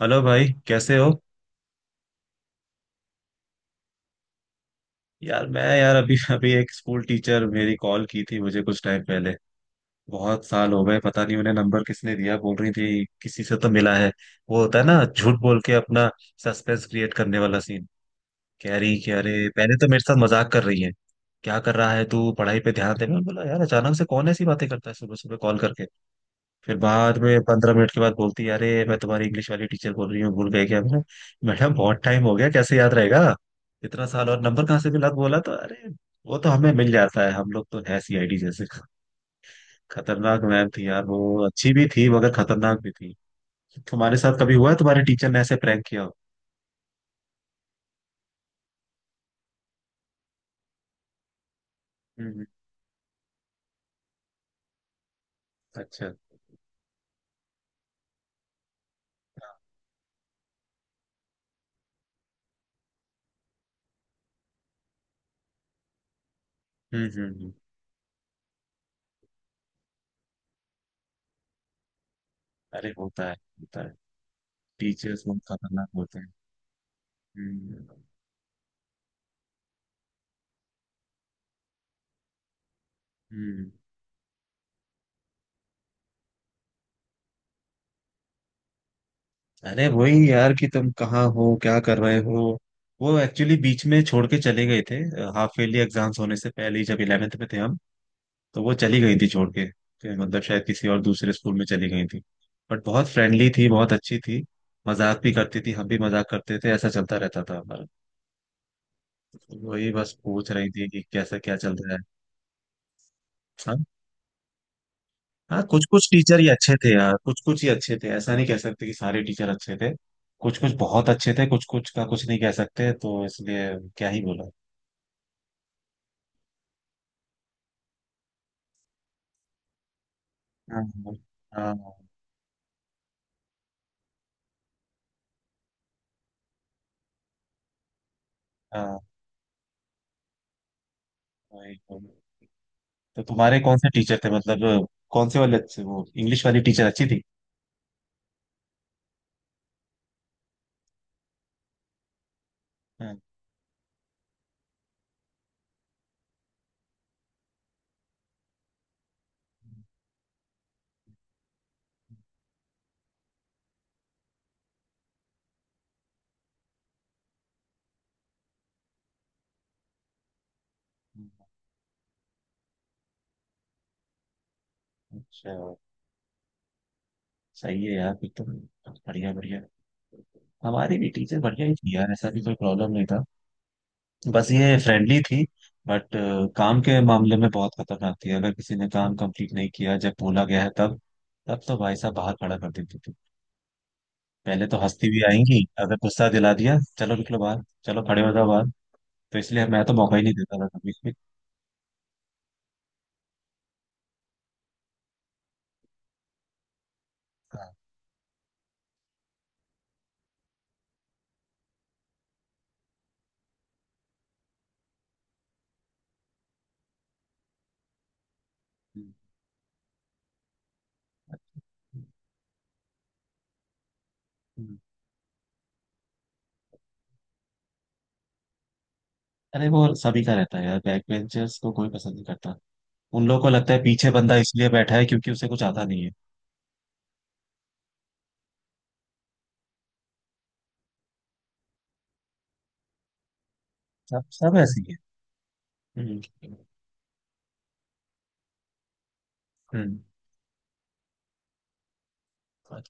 Hello भाई, कैसे हो? यार, मैं यार अभी अभी एक स्कूल टीचर मेरी कॉल की थी मुझे कुछ टाइम पहले। बहुत साल हो गए, पता नहीं उन्हें नंबर किसने दिया। बोल रही थी किसी से तो मिला है। वो होता है ना, झूठ बोल के अपना सस्पेंस क्रिएट करने वाला सीन। कह रही कि अरे पहले तो मेरे साथ मजाक कर रही है। क्या कर रहा है तू, पढ़ाई पे ध्यान दे। मैं बोला यार, अचानक से कौन ऐसी बातें करता है सुबह सुबह कॉल करके। फिर बाद में 15 मिनट के बाद बोलती है, अरे मैं तुम्हारी इंग्लिश वाली टीचर बोल रही हूँ, भूल गए क्या? मैं, मैडम बहुत टाइम हो गया, कैसे याद रहेगा इतना साल, और नंबर कहाँ से मिला? तो बोला तो, अरे वो तो हमें मिल जाता है, हम लोग तो है सीआईडी जैसे। खतरनाक मैम थी यार वो। अच्छी भी थी, मगर खतरनाक भी थी। तुम्हारे साथ कभी हुआ है तुम्हारे टीचर ने ऐसे प्रैंक किया हो? हम्म हम्म, अच्छा। हम्म हम्म हम्म। अरे होता है होता है। टीचर्स बहुत खतरनाक होते हैं। हम्म हम्म। अरे वही यार कि तुम कहाँ हो, क्या कर रहे हो। वो एक्चुअली बीच में छोड़ के चले गए थे। हाफ ईयरली एग्जाम्स होने से पहले ही, जब इलेवेंथ में थे हम, तो वो चली गई थी छोड़ के। फिर मतलब शायद किसी और दूसरे स्कूल में चली गई थी। बट बहुत फ्रेंडली थी, बहुत अच्छी थी। मजाक भी करती थी, हम भी मजाक करते थे, ऐसा चलता रहता था हमारा। वही बस पूछ रही थी कि कैसा क्या चल रहा है। हाँ? हाँ, कुछ कुछ टीचर ही अच्छे थे यार, कुछ कुछ ही अच्छे थे। ऐसा नहीं कह सकते कि सारे टीचर अच्छे थे। कुछ कुछ बहुत अच्छे थे, कुछ कुछ का कुछ नहीं कह सकते, तो इसलिए क्या ही बोला। हाँ हाँ हाँ, वही तो। तो तुम्हारे कौन से टीचर थे, मतलब कौन से वाले अच्छे? वो इंग्लिश वाली टीचर अच्छी थी? हाँ। अच्छा, सही है यार फिर तो। बढ़िया बढ़िया। हमारी भी टीचर बढ़िया ही थी यार, ऐसा भी कोई प्रॉब्लम नहीं था। बस ये फ्रेंडली थी, बट काम के मामले में बहुत खतरनाक थी। अगर किसी ने काम कंप्लीट नहीं किया जब बोला गया है तब तब तो भाई साहब बाहर खड़ा कर देती थी। पहले तो हंसती भी आएंगी, अगर गुस्सा दिला दिया चलो निकलो बाहर, चलो खड़े हो जाओ बाहर। तो इसलिए मैं तो मौका ही नहीं देता था कभी भी। हाँ। हम्म। अरे वो सभी का रहता है यार, बैक बेंचर्स को कोई पसंद नहीं करता। उन लोगों को लगता है पीछे बंदा इसलिए बैठा है क्योंकि उसे कुछ आता नहीं है। सब सब ऐसे ही है। हम्म हम्म।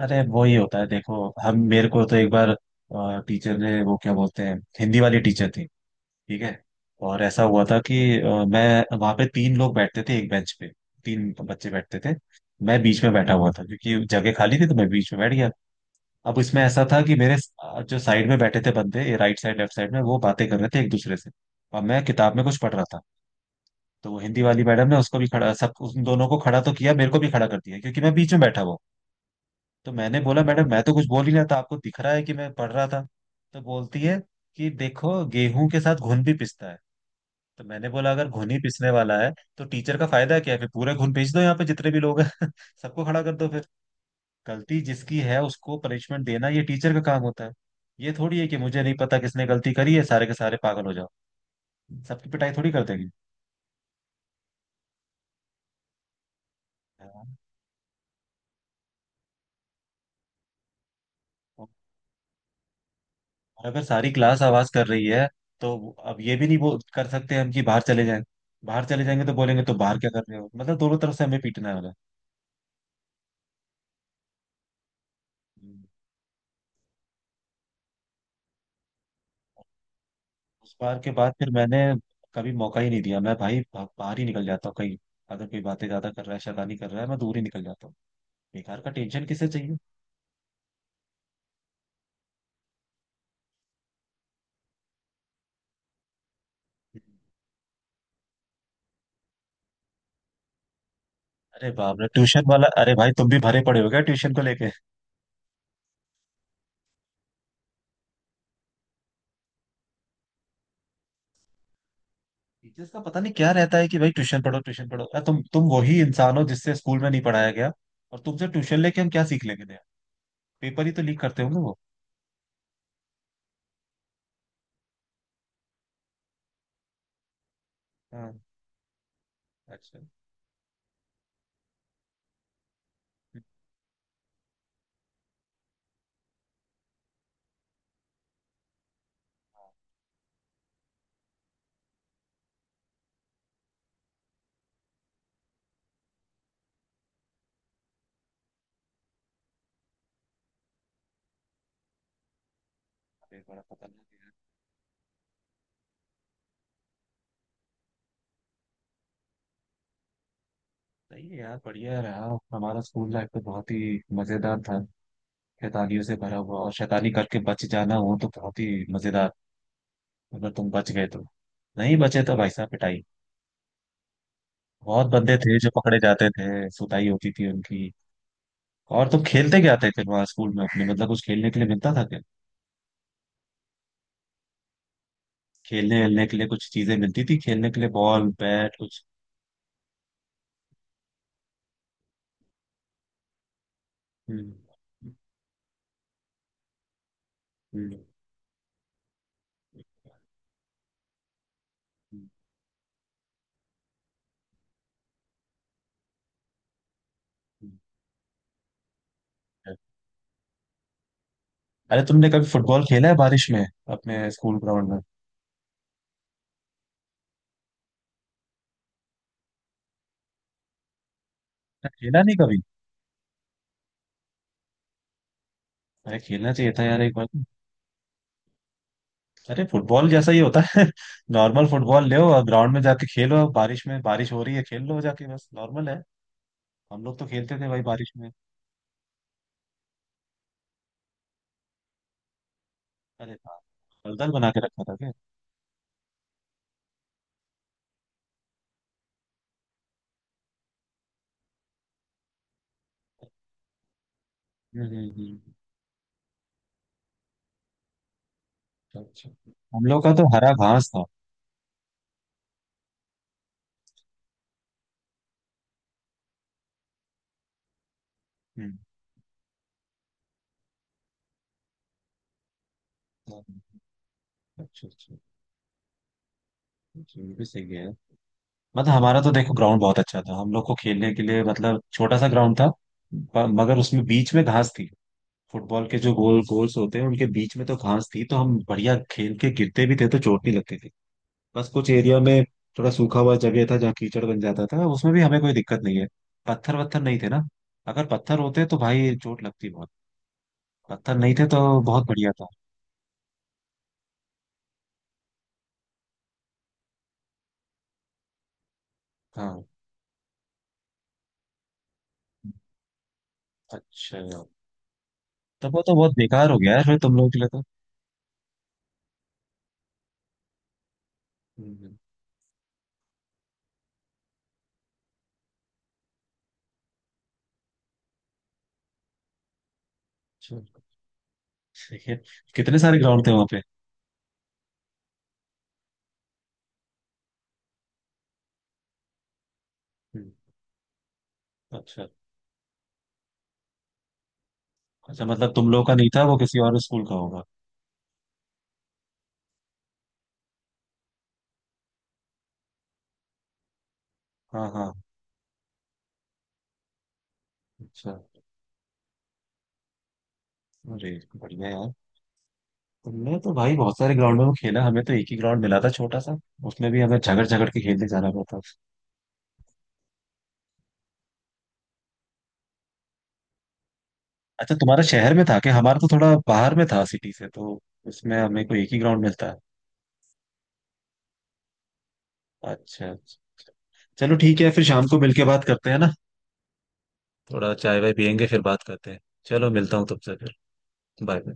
अरे वो ही होता है, देखो हम मेरे को तो एक बार टीचर ने, वो क्या बोलते हैं, हिंदी वाली टीचर थी, ठीक है, और ऐसा हुआ था कि मैं वहां पे तीन लोग बैठते थे एक बेंच पे, तीन बच्चे बैठते थे। मैं बीच में बैठा हुआ था क्योंकि जगह खाली थी तो मैं बीच में बैठ गया। अब इसमें ऐसा था कि मेरे, जो साइड में बैठे थे बंदे, राइट साइड लेफ्ट साइड में, वो बातें कर रहे थे एक दूसरे से और मैं किताब में कुछ पढ़ रहा था। तो वो हिंदी वाली मैडम ने उसको भी खड़ा, सब उन दोनों को खड़ा तो किया, मेरे को भी खड़ा कर दिया क्योंकि मैं बीच में बैठा हुआ हूँ। तो मैंने बोला मैडम मैं तो कुछ बोल ही रहा था, आपको दिख रहा है कि मैं पढ़ रहा था। तो बोलती है कि देखो गेहूं के साथ घुन भी पिसता है। तो मैंने बोला अगर घुन ही पिसने वाला है तो टीचर का फायदा क्या है? फिर पूरे घुन पीस दो, यहाँ पे जितने भी लोग हैं सबको खड़ा कर दो फिर। गलती जिसकी है उसको पनिशमेंट देना ये टीचर का काम होता है। ये थोड़ी है कि मुझे नहीं पता किसने गलती करी है, सारे के सारे पागल हो जाओ, सबकी पिटाई थोड़ी कर देंगे। हाँ। और अगर सारी क्लास आवाज कर रही है तो अब ये भी नहीं वो कर सकते हम कि बाहर चले जाएं। बाहर चले जाएंगे तो बोलेंगे तो बाहर क्या कर रहे हो, मतलब दोनों तरफ से हमें पीटना होगा। हम्म। उस बार के बाद फिर मैंने कभी मौका ही नहीं दिया। मैं भाई बाहर ही निकल जाता हूँ कहीं, अगर कोई बातें ज्यादा कर रहा है शैतानी कर रहा है मैं दूर ही निकल जाता हूँ। बेकार का टेंशन किसे चाहिए। अरे बाप रे, ट्यूशन वाला! अरे भाई, तुम भी भरे पड़े हो क्या ट्यूशन को लेके? टीचर्स का पता नहीं क्या रहता है कि भाई ट्यूशन पढ़ो ट्यूशन पढ़ो। अरे तुम वही इंसान हो जिससे स्कूल में नहीं पढ़ाया गया, और तुमसे ट्यूशन लेके हम क्या सीख लेंगे? पेपर ही तो लीक करते होंगे वो। हाँ। अच्छा। हाँ, अरे बड़ा पता लग गया। सही है यार, बढ़िया रहा। हमारा स्कूल लाइफ तो बहुत ही मजेदार था। शैतानियों से भरा हुआ, और शैतानी करके बच जाना हो तो बहुत ही मजेदार, अगर तुम बच गए तो। नहीं बचे तो भाई साहब पिटाई। बहुत बंदे थे जो पकड़े जाते थे, सुताई होती थी उनकी। और तुम खेलते क्या थे फिर वहां स्कूल में अपने, मतलब कुछ खेलने के लिए मिलता था क्या? खेलने खेलने के लिए कुछ चीजें मिलती थी खेलने के लिए, बॉल बैट कुछ? हम्म हम्म हम्म, हम्म, हम्म। अरे तुमने कभी फुटबॉल खेला है बारिश में, अपने स्कूल ग्राउंड में? अरे खेला नहीं कभी? अरे खेलना चाहिए था यार एक बार। अरे फुटबॉल जैसा ही होता है नॉर्मल फुटबॉल ले और ग्राउंड में जाके खेलो बारिश में, बारिश हो रही है खेल लो जाके, बस नॉर्मल है। हम लोग तो खेलते थे भाई बारिश में। अरे हाँ, दलदल बना के रखा था क्या? हम्म हम्म, हम्म, अच्छा। हम लोग का तो हरा घास था। हम्म। अच्छा अच्छा। अच्छा, ये भी सही है। मतलब हमारा तो देखो ग्राउंड बहुत अच्छा था हम लोग को खेलने के लिए, मतलब छोटा सा ग्राउंड था, मगर उसमें बीच में घास थी। फुटबॉल के जो गोल गोल्स होते हैं उनके बीच में तो घास थी, तो हम बढ़िया खेल के गिरते भी थे तो चोट नहीं लगती थी। बस कुछ एरिया में थोड़ा सूखा हुआ जगह था जहाँ कीचड़ बन जाता था, उसमें भी हमें कोई दिक्कत नहीं है। पत्थर वत्थर नहीं थे ना, अगर पत्थर होते तो भाई चोट लगती बहुत। पत्थर नहीं थे तो बहुत बढ़िया था। हाँ। अच्छा, तब वो तो बहुत बेकार हो गया है फिर तुम लोगों के लिए तो। हम्म, अच्छा, ठीक है। कितने सारे ग्राउंड थे वहाँ पे? हम्म, अच्छा अच्छा, मतलब तुम लोग का नहीं था वो, किसी और स्कूल का होगा। हाँ हाँ। अच्छा। अरे बढ़िया यार, हमने तो भाई बहुत सारे ग्राउंडों में खेला, हमें तो एक ही ग्राउंड मिला था छोटा सा। उसमें भी हमें झगड़ झगड़ के खेलने जाना पड़ता था। अच्छा तुम्हारा शहर में था कि? हमारा तो थोड़ा बाहर में था सिटी से, तो उसमें हमें को एक ही ग्राउंड मिलता है। अच्छा अच्छा। चलो ठीक है, फिर शाम को मिलके बात करते हैं ना। थोड़ा चाय वाय पियेंगे फिर बात करते हैं। चलो मिलता हूँ तुमसे फिर। बाय।